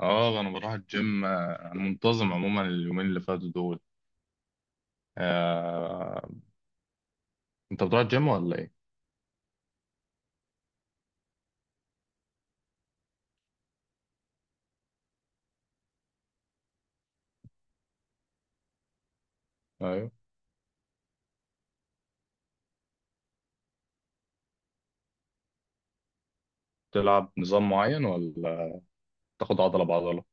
اه، انا بروح الجيم، انا منتظم عموما اليومين اللي فاتوا دول. آه، انت بتروح الجيم ولا ايه؟ ايوه. تلعب نظام معين ولا تاخد عضله بعضله؟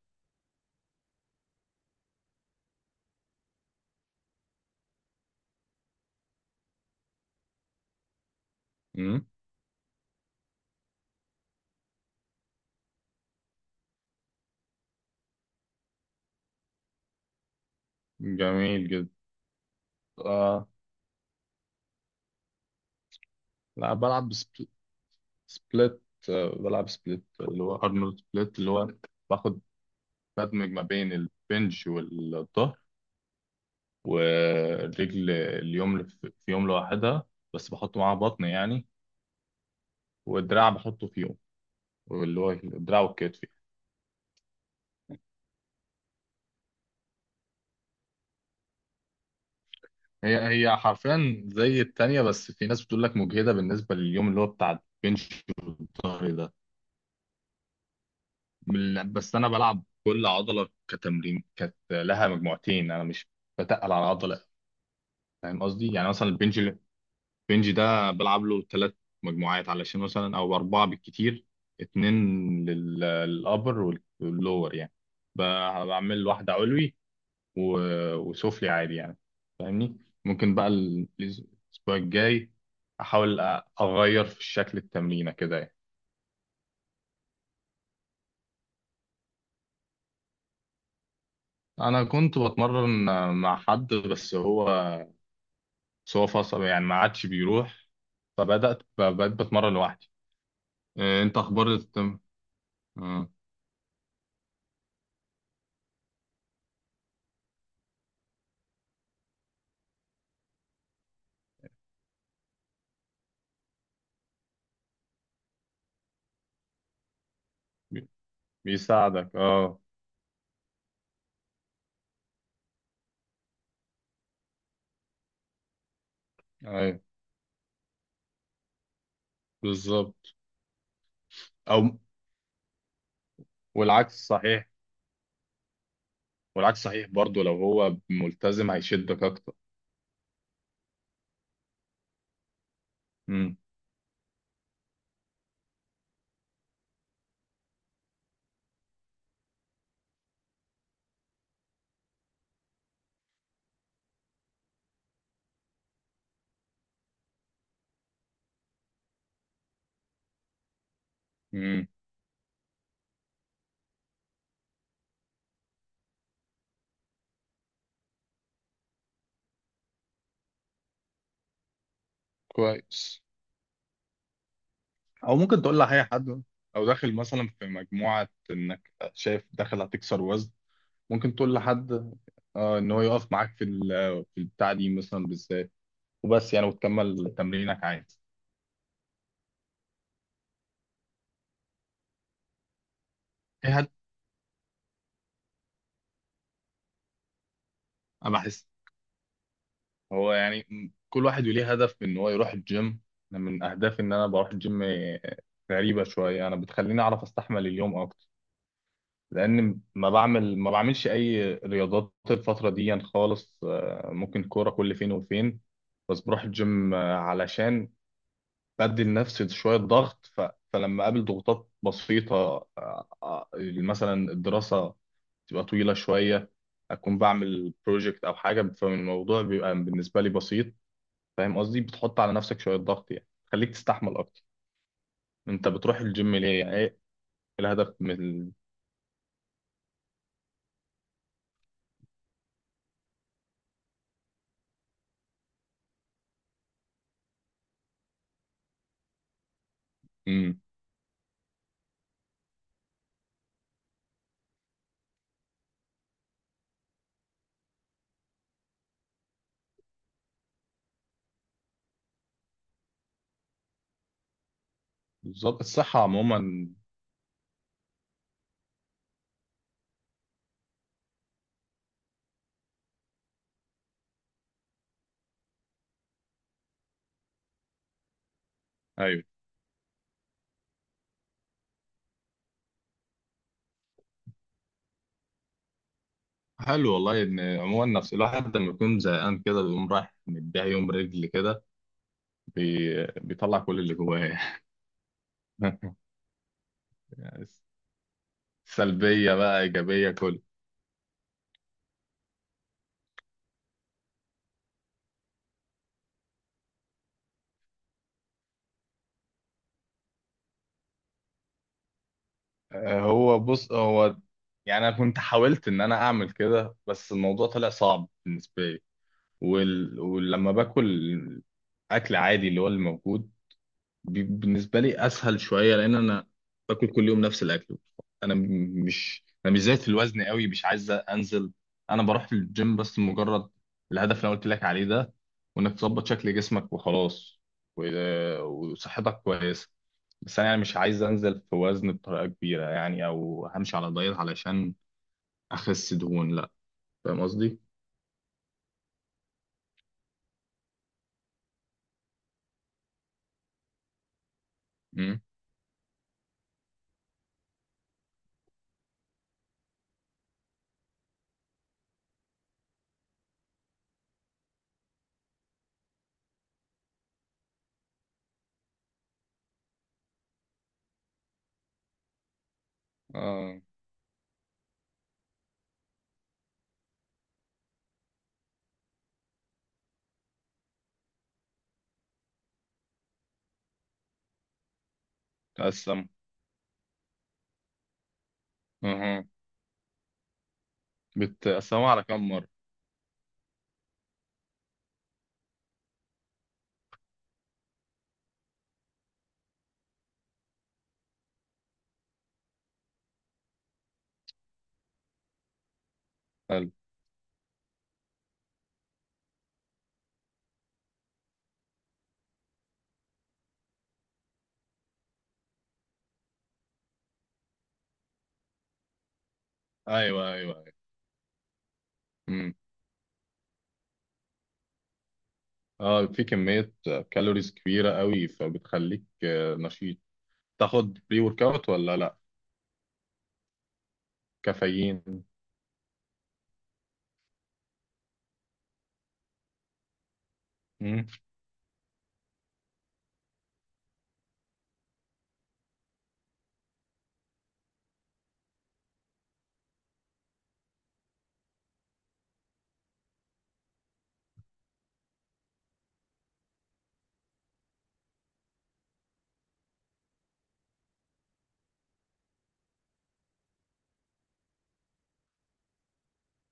امم. جميل جدا. آه. لا، بلعب سبليت. بلعب سبليت اللي هو ارنولد سبليت اللي هو باخد بدمج ما بين البنج والظهر، والرجل اليوم في يوم لوحدها، بس بحط معاها بطن يعني. والدراع بحطه في يوم، واللي هو الدراع والكتف. هي حرفيا زي التانية، بس في ناس بتقول لك مجهدة بالنسبة لليوم اللي هو بتاع البنش والظهر ده. بس أنا بلعب كل عضلة كتمرين كانت لها مجموعتين، أنا مش بتقل على عضلة. فاهم قصدي؟ يعني مثلا البنج، البنج ده بلعب له 3 مجموعات علشان، مثلا أو 4 بالكتير. 2 للأبر واللور يعني. ب- بعمل واحدة علوي وسفلي عادي يعني. فاهمني؟ ممكن بقى الاسبوع الجاي احاول اغير في شكل التمرينه كده يعني. انا كنت بتمرن مع حد، بس هو فصل يعني، ما عادش بيروح، فبدات بقيت بتمرن لوحدي. إيه، انت اخبار التم آه، بي- بيساعدك، اه. ايوه، بالظبط. او والعكس صحيح والعكس صحيح برضو، لو هو ملتزم هيشدك اكتر. امم، امم. كويس. او ممكن تقول لأي حد، او داخل مثلا في مجموعة انك شايف داخل هتكسر وزن، ممكن تقول لحد، اه، ان هو يقف معاك في البتاع دي مثلا بالذات، وبس يعني، وتكمل تمرينك عادي. ايه هدف؟ انا بحس هو يعني، كل واحد ليه هدف ان هو يروح الجيم. أنا من اهدافي ان انا بروح الجيم، غريبة شوية، انا بتخليني اعرف استحمل اليوم اكتر، لان ما بعملش اي رياضات الفتره دي يعني خالص. ممكن كوره كل فين وفين، بس بروح الجيم علشان بدي لنفسي شويه ضغط، فلما اقابل ضغوطات بسيطه، آه، آه، مثلا الدراسه تبقى طويله شويه، اكون بعمل بروجكت او حاجه، فالموضوع بيبقى بالنسبه لي بسيط. فاهم قصدي؟ بتحط على نفسك شويه ضغط يعني، خليك تستحمل اكتر. انت بتروح الجيم ليه؟ يعني ايه الهدف؟ مم. بالظبط، الصحه عموما. ايوه. حلو والله، ان عموما نفس الواحد لما يكون زهقان كده بيقوم رايح مديها يوم رجل كده، بيطلع كل اللي جواه. يعني سلبيه بقى ايجابيه كل. هو بص، هو يعني انا كنت حاولت ان انا اعمل كده، بس الموضوع طلع صعب بالنسبه لي. ولما باكل اكل عادي اللي هو الموجود، بالنسبه لي اسهل شويه، لان انا باكل كل يوم نفس الاكل. انا مش زايد في الوزن قوي، مش عايز انزل. انا بروح الجيم بس مجرد الهدف اللي أنا قلت لك عليه ده، وانك تظبط شكل جسمك وخلاص، وصحتك كويسه، بس انا يعني مش عايز انزل في وزن بطريقه كبيره يعني، او همشي على دايت علشان اخس دهون، لا. فاهم قصدي؟ امم. اه. تقسم. اها. بتقسمها على كم مره؟ حلو. ايوه، ايوه. ايوه، اه، في كمية كالوريز كبيرة قوي، فبتخليك نشيط. تاخد بري ورك اوت ولا لا؟ كافيين؟ مم.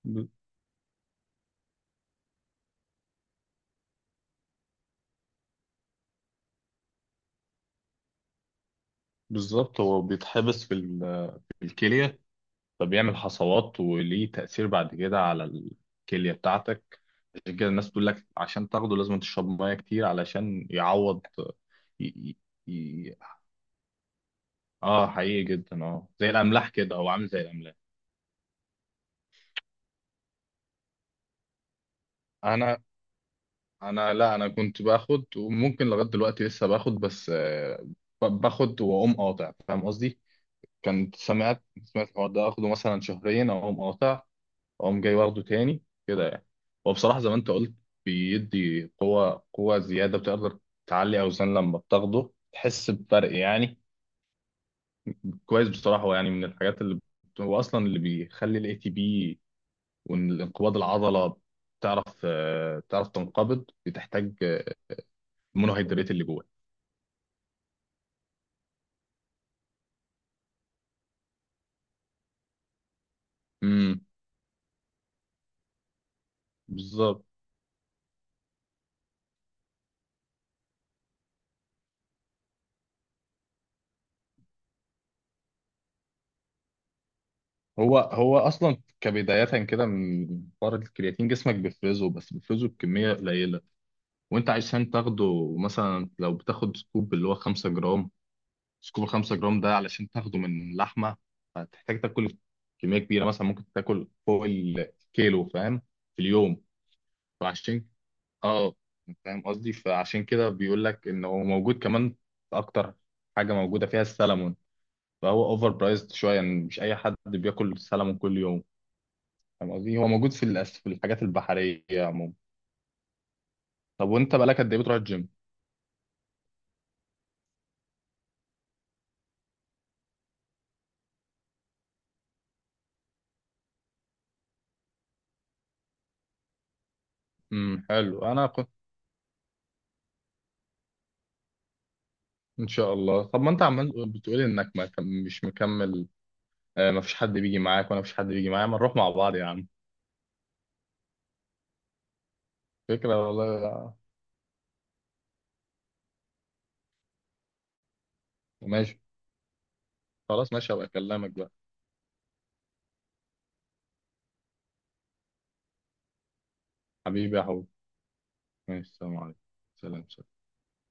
ب- بالظبط. هو بيتحبس في الكلية، فبيعمل حصوات وليه تأثير بعد كده على الكلية بتاعتك. عشان كده الناس بتقول لك عشان تاخده لازم تشرب مية كتير علشان يعوض. ي... ي... ي... اه، حقيقي جدا، اه، زي الأملاح كده، هو عامل زي الأملاح. انا انا لا، انا كنت باخد، وممكن لغايه دلوقتي لسه باخد، بس باخد واقوم قاطع. فاهم قصدي؟ كنت سمعت، الحوار ده اخده مثلا شهرين اقوم قاطع، اقوم جاي واخده تاني كده يعني. وبصراحه زي ما انت قلت، بيدي قوه، قوه زياده، بتقدر تعلي اوزان لما بتاخده، تحس بفرق يعني. كويس بصراحه. هو يعني من الحاجات اللي هو اصلا اللي بيخلي ATP وانقباض العضله تعرف تنقبض، بتحتاج مونوهيدرات اللي جوه. امم. بالظبط. هو اصلا كبدايه كده من حوار الكرياتين جسمك بيفرزه، بس بيفرزه بكميه قليله، وانت عشان تاخده مثلا لو بتاخد سكوب اللي هو 5 جرام، سكوب 5 جرام ده علشان تاخده من لحمه هتحتاج تاكل كميه كبيره، مثلا ممكن تاكل فوق الكيلو، فاهم، في اليوم. فعشان اه، فاهم قصدي؟ فعشان كده بيقول لك ان هو موجود كمان في اكتر حاجه، موجوده فيها السلمون. فهو اوفر برايزد شويه يعني، مش اي حد بياكل سلمون كل يوم. فاهم قصدي؟ هو موجود في الحاجات البحريه عموما. طب وانت بقالك قد ايه بتروح الجيم؟ حلو، انا كنت. ان شاء الله. طب ما انت عمال بتقولي انك ما كم- مش مكمل، ما فيش حد بيجي معاك، وانا مفيش حد بيجي معايا، ما نروح مع بعض يا عم. فكره والله. ماشي. خلاص، ماشي، هبقى اكلمك بقى. حبيبي، يا حبيبي. ماشي، السلام عليكم. سلام.